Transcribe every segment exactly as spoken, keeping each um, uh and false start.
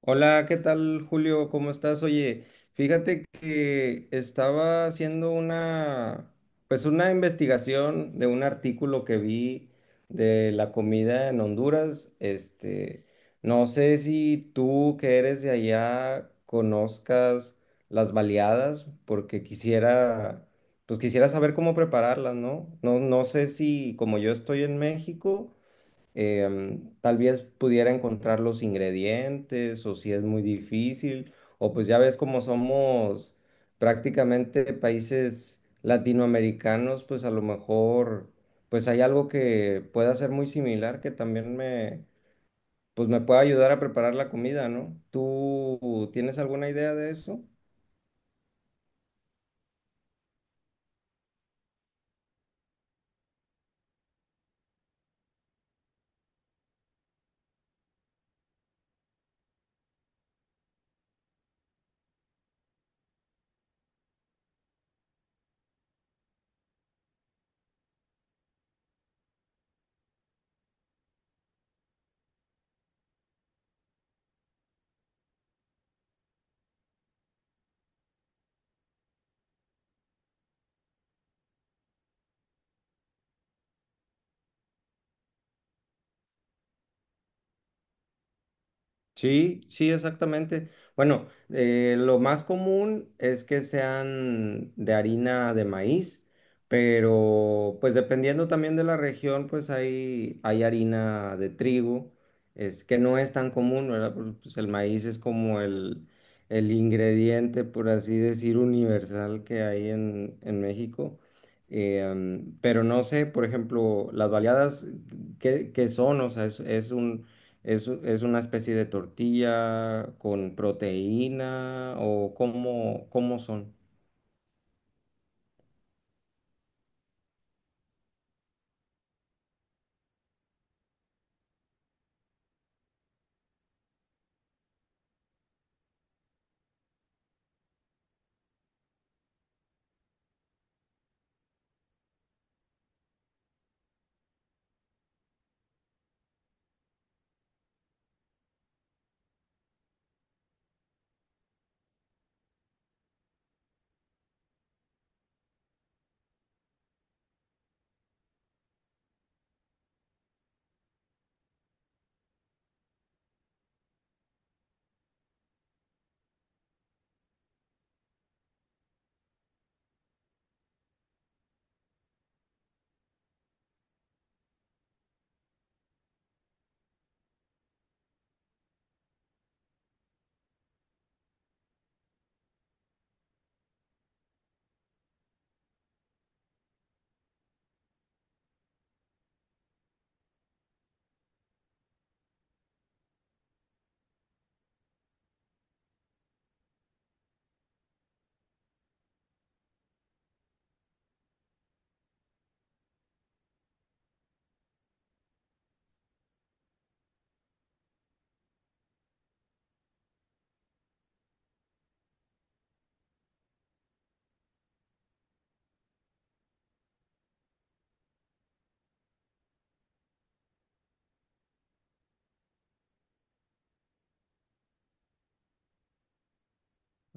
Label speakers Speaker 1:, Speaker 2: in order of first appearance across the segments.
Speaker 1: Hola, ¿qué tal, Julio? ¿Cómo estás? Oye, fíjate que estaba haciendo una, pues una investigación de un artículo que vi de la comida en Honduras. Este, no sé si tú que eres de allá conozcas las baleadas, porque quisiera, pues quisiera saber cómo prepararlas, ¿no? No, no sé si como yo estoy en México em, tal vez pudiera encontrar los ingredientes o si es muy difícil, o pues ya ves como somos prácticamente países latinoamericanos, pues a lo mejor pues hay algo que pueda ser muy similar que también me pues me pueda ayudar a preparar la comida, ¿no? ¿Tú tienes alguna idea de eso? Sí, sí, exactamente. Bueno, eh, lo más común es que sean de harina de maíz, pero pues dependiendo también de la región, pues hay, hay harina de trigo, es que no es tan común, ¿verdad? Porque, Pues el maíz es como el, el ingrediente, por así decir, universal que hay en, en México. Eh, am, pero no sé, por ejemplo, las baleadas, ¿qué, qué son? O sea, es, es un. ¿Es, es una especie de tortilla con proteína o cómo, cómo son?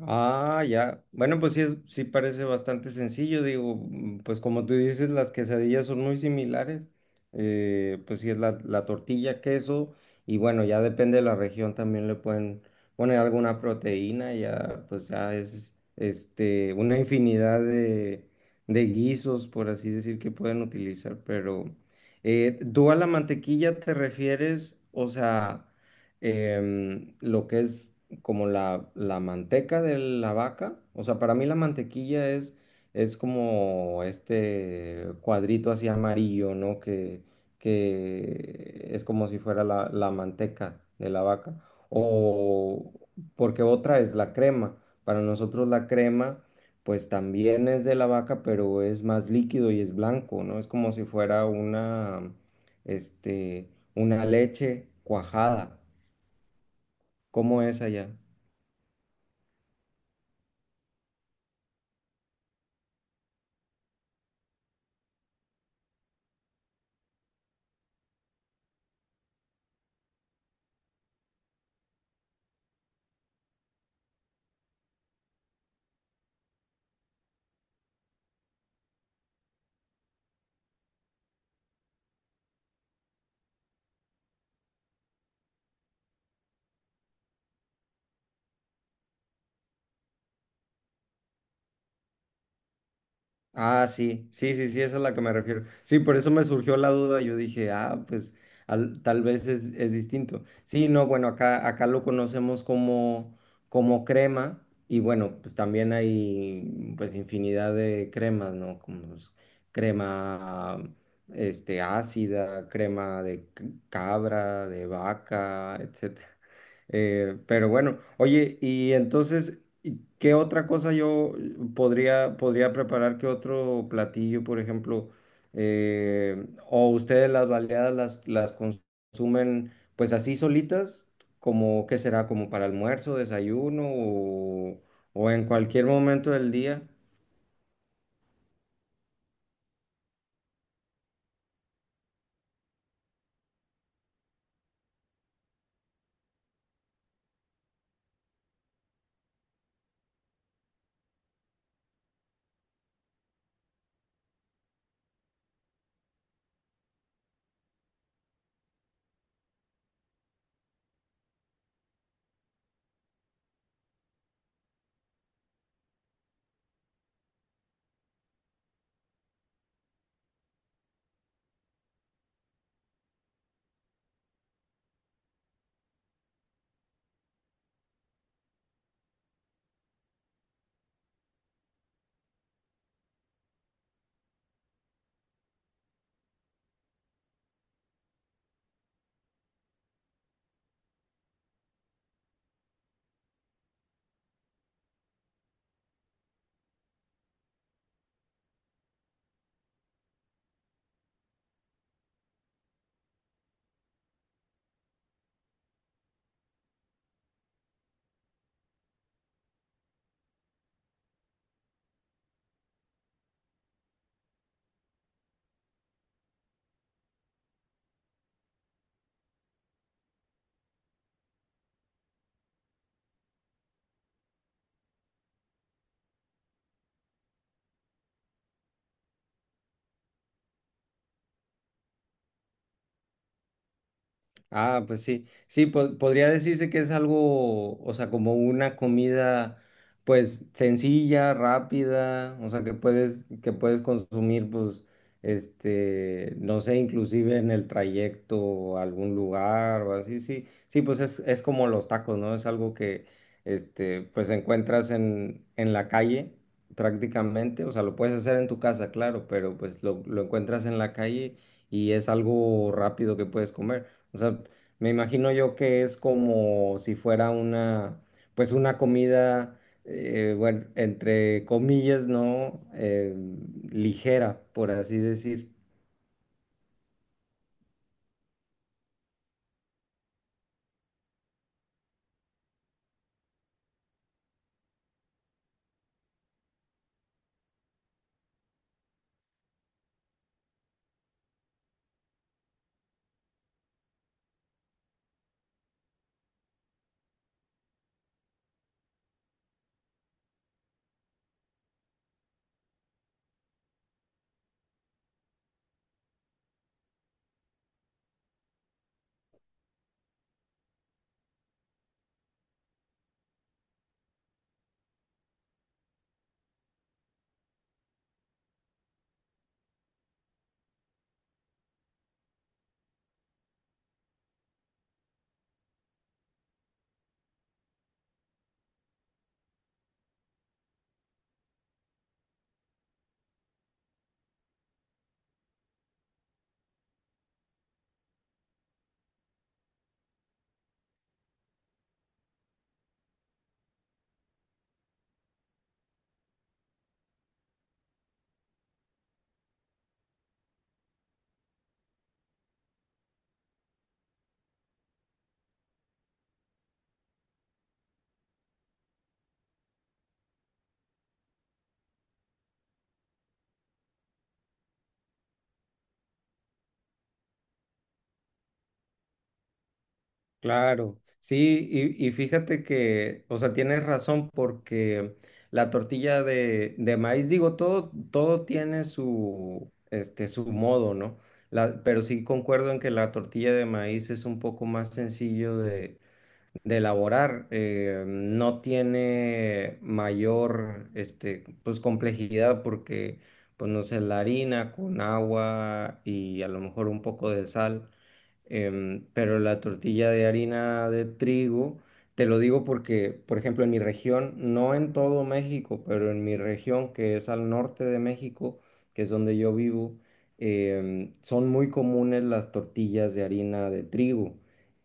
Speaker 1: Ah, ya. Bueno, pues sí, es- sí parece bastante sencillo. Digo, mm, pues como tú dices, las quesadillas son muy similares. Eh, pues sí es la, la tortilla, queso y bueno, ya depende de la región también le pueden poner alguna proteína. Ya, pues ya es este, una infinidad de, de guisos, por así decir, que pueden utilizar. Pero eh, ¿tú a la mantequilla te refieres? O sea, em, lo que es como la, la manteca de la vaca. O sea, para mí la mantequilla es, es como este cuadrito así amarillo, ¿no? Que, que es como si fuera la, la manteca de la vaca. O porque otra es la crema. Para nosotros la crema, pues también es de la vaca, pero es más líquido y es blanco, ¿no? Es como si fuera una, este, una leche cuajada. ¿Cómo es allá? Ah, sí, sí, sí, sí, esa es a la que me refiero. Sí, por eso me surgió la duda. Yo dije, ah, pues al- tal vez es, es distinto. Sí, no, bueno, acá, acá lo conocemos como, como crema y bueno, pues también hay pues infinidad de cremas, ¿no? Como pues, crema este, ácida, crema de c- cabra, de vaca, etcétera. Eh, pero bueno, oye, y entonces, ¿y qué otra cosa yo podría, podría preparar? ¿Qué otro platillo, por ejemplo? Eh, ¿o ustedes las baleadas las, las consumen pues así solitas? ¿Como qué será? ¿Como para almuerzo, desayuno o, o en cualquier momento del día? Ah, pues sí, sí, po- podría decirse que es algo, o sea, como una comida, pues sencilla, rápida, o sea, que puedes, que puedes consumir, pues, este, no sé, inclusive en el trayecto a algún lugar o así, sí, sí, pues es, es como los tacos, ¿no? Es algo que, este, pues encuentras en, en la calle prácticamente, o sea, lo puedes hacer en tu casa, claro, pero pues lo, lo encuentras en la calle y es algo rápido que puedes comer. O sea, me imagino yo que es como si fuera una, pues una comida, eh, bueno, entre comillas, ¿no? Eh, ligera, por así decir. Claro, sí, y, y fíjate que, o sea, tienes razón porque la tortilla de, de maíz, digo, todo, todo tiene su, este, su modo, ¿no? La- pero sí concuerdo en que la tortilla de maíz es un poco más sencillo de de elaborar eh, no tiene mayor este, pues, complejidad porque pues, no sé, la harina con agua y a lo mejor un poco de sal em, pero la tortilla de harina de trigo, te lo digo porque, por ejemplo, en mi región, no en todo México, pero en mi región que es al norte de México, que es donde yo vivo, em, son muy comunes las tortillas de harina de trigo.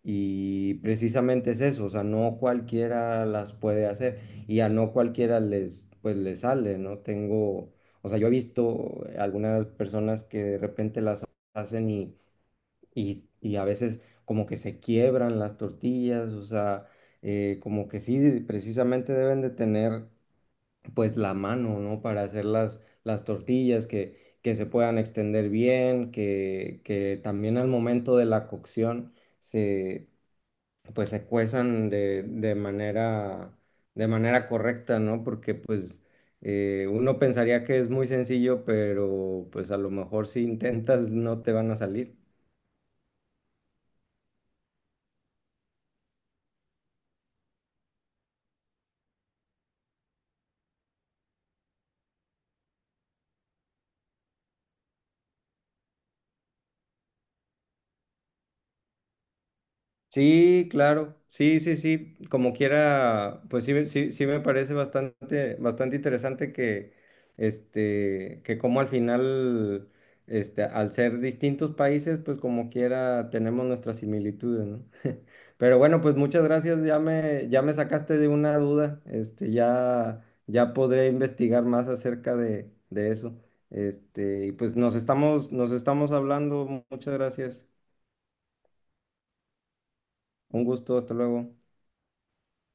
Speaker 1: Y precisamente es eso, o sea, no cualquiera las puede hacer y a no cualquiera les, pues, les sale, ¿no? Tengo, o sea, yo he visto algunas personas que de repente las hacen y, y a veces como que se quiebran las tortillas, o sea, eh, como que sí, precisamente deben de tener pues la mano, ¿no? Para hacer las, las tortillas que, que se puedan extender bien, que, que también al momento de la cocción se, pues se cuezan de, de manera, de manera correcta, ¿no? Porque pues, eh, uno pensaría que es muy sencillo, pero pues a lo mejor si intentas no te van a salir. Sí, claro, sí, sí, sí, como quiera, pues sí, me- sí, sí me parece bastante, bastante interesante que, este, que como al final, este, al ser distintos países, pues como quiera tenemos nuestras similitudes, ¿no? Pero bueno, pues muchas gracias, ya me, ya me sacaste de una duda, este, ya, ya podré investigar más acerca de, de eso, este, y pues nos estamos, nos estamos hablando, muchas gracias, un gusto, hasta luego.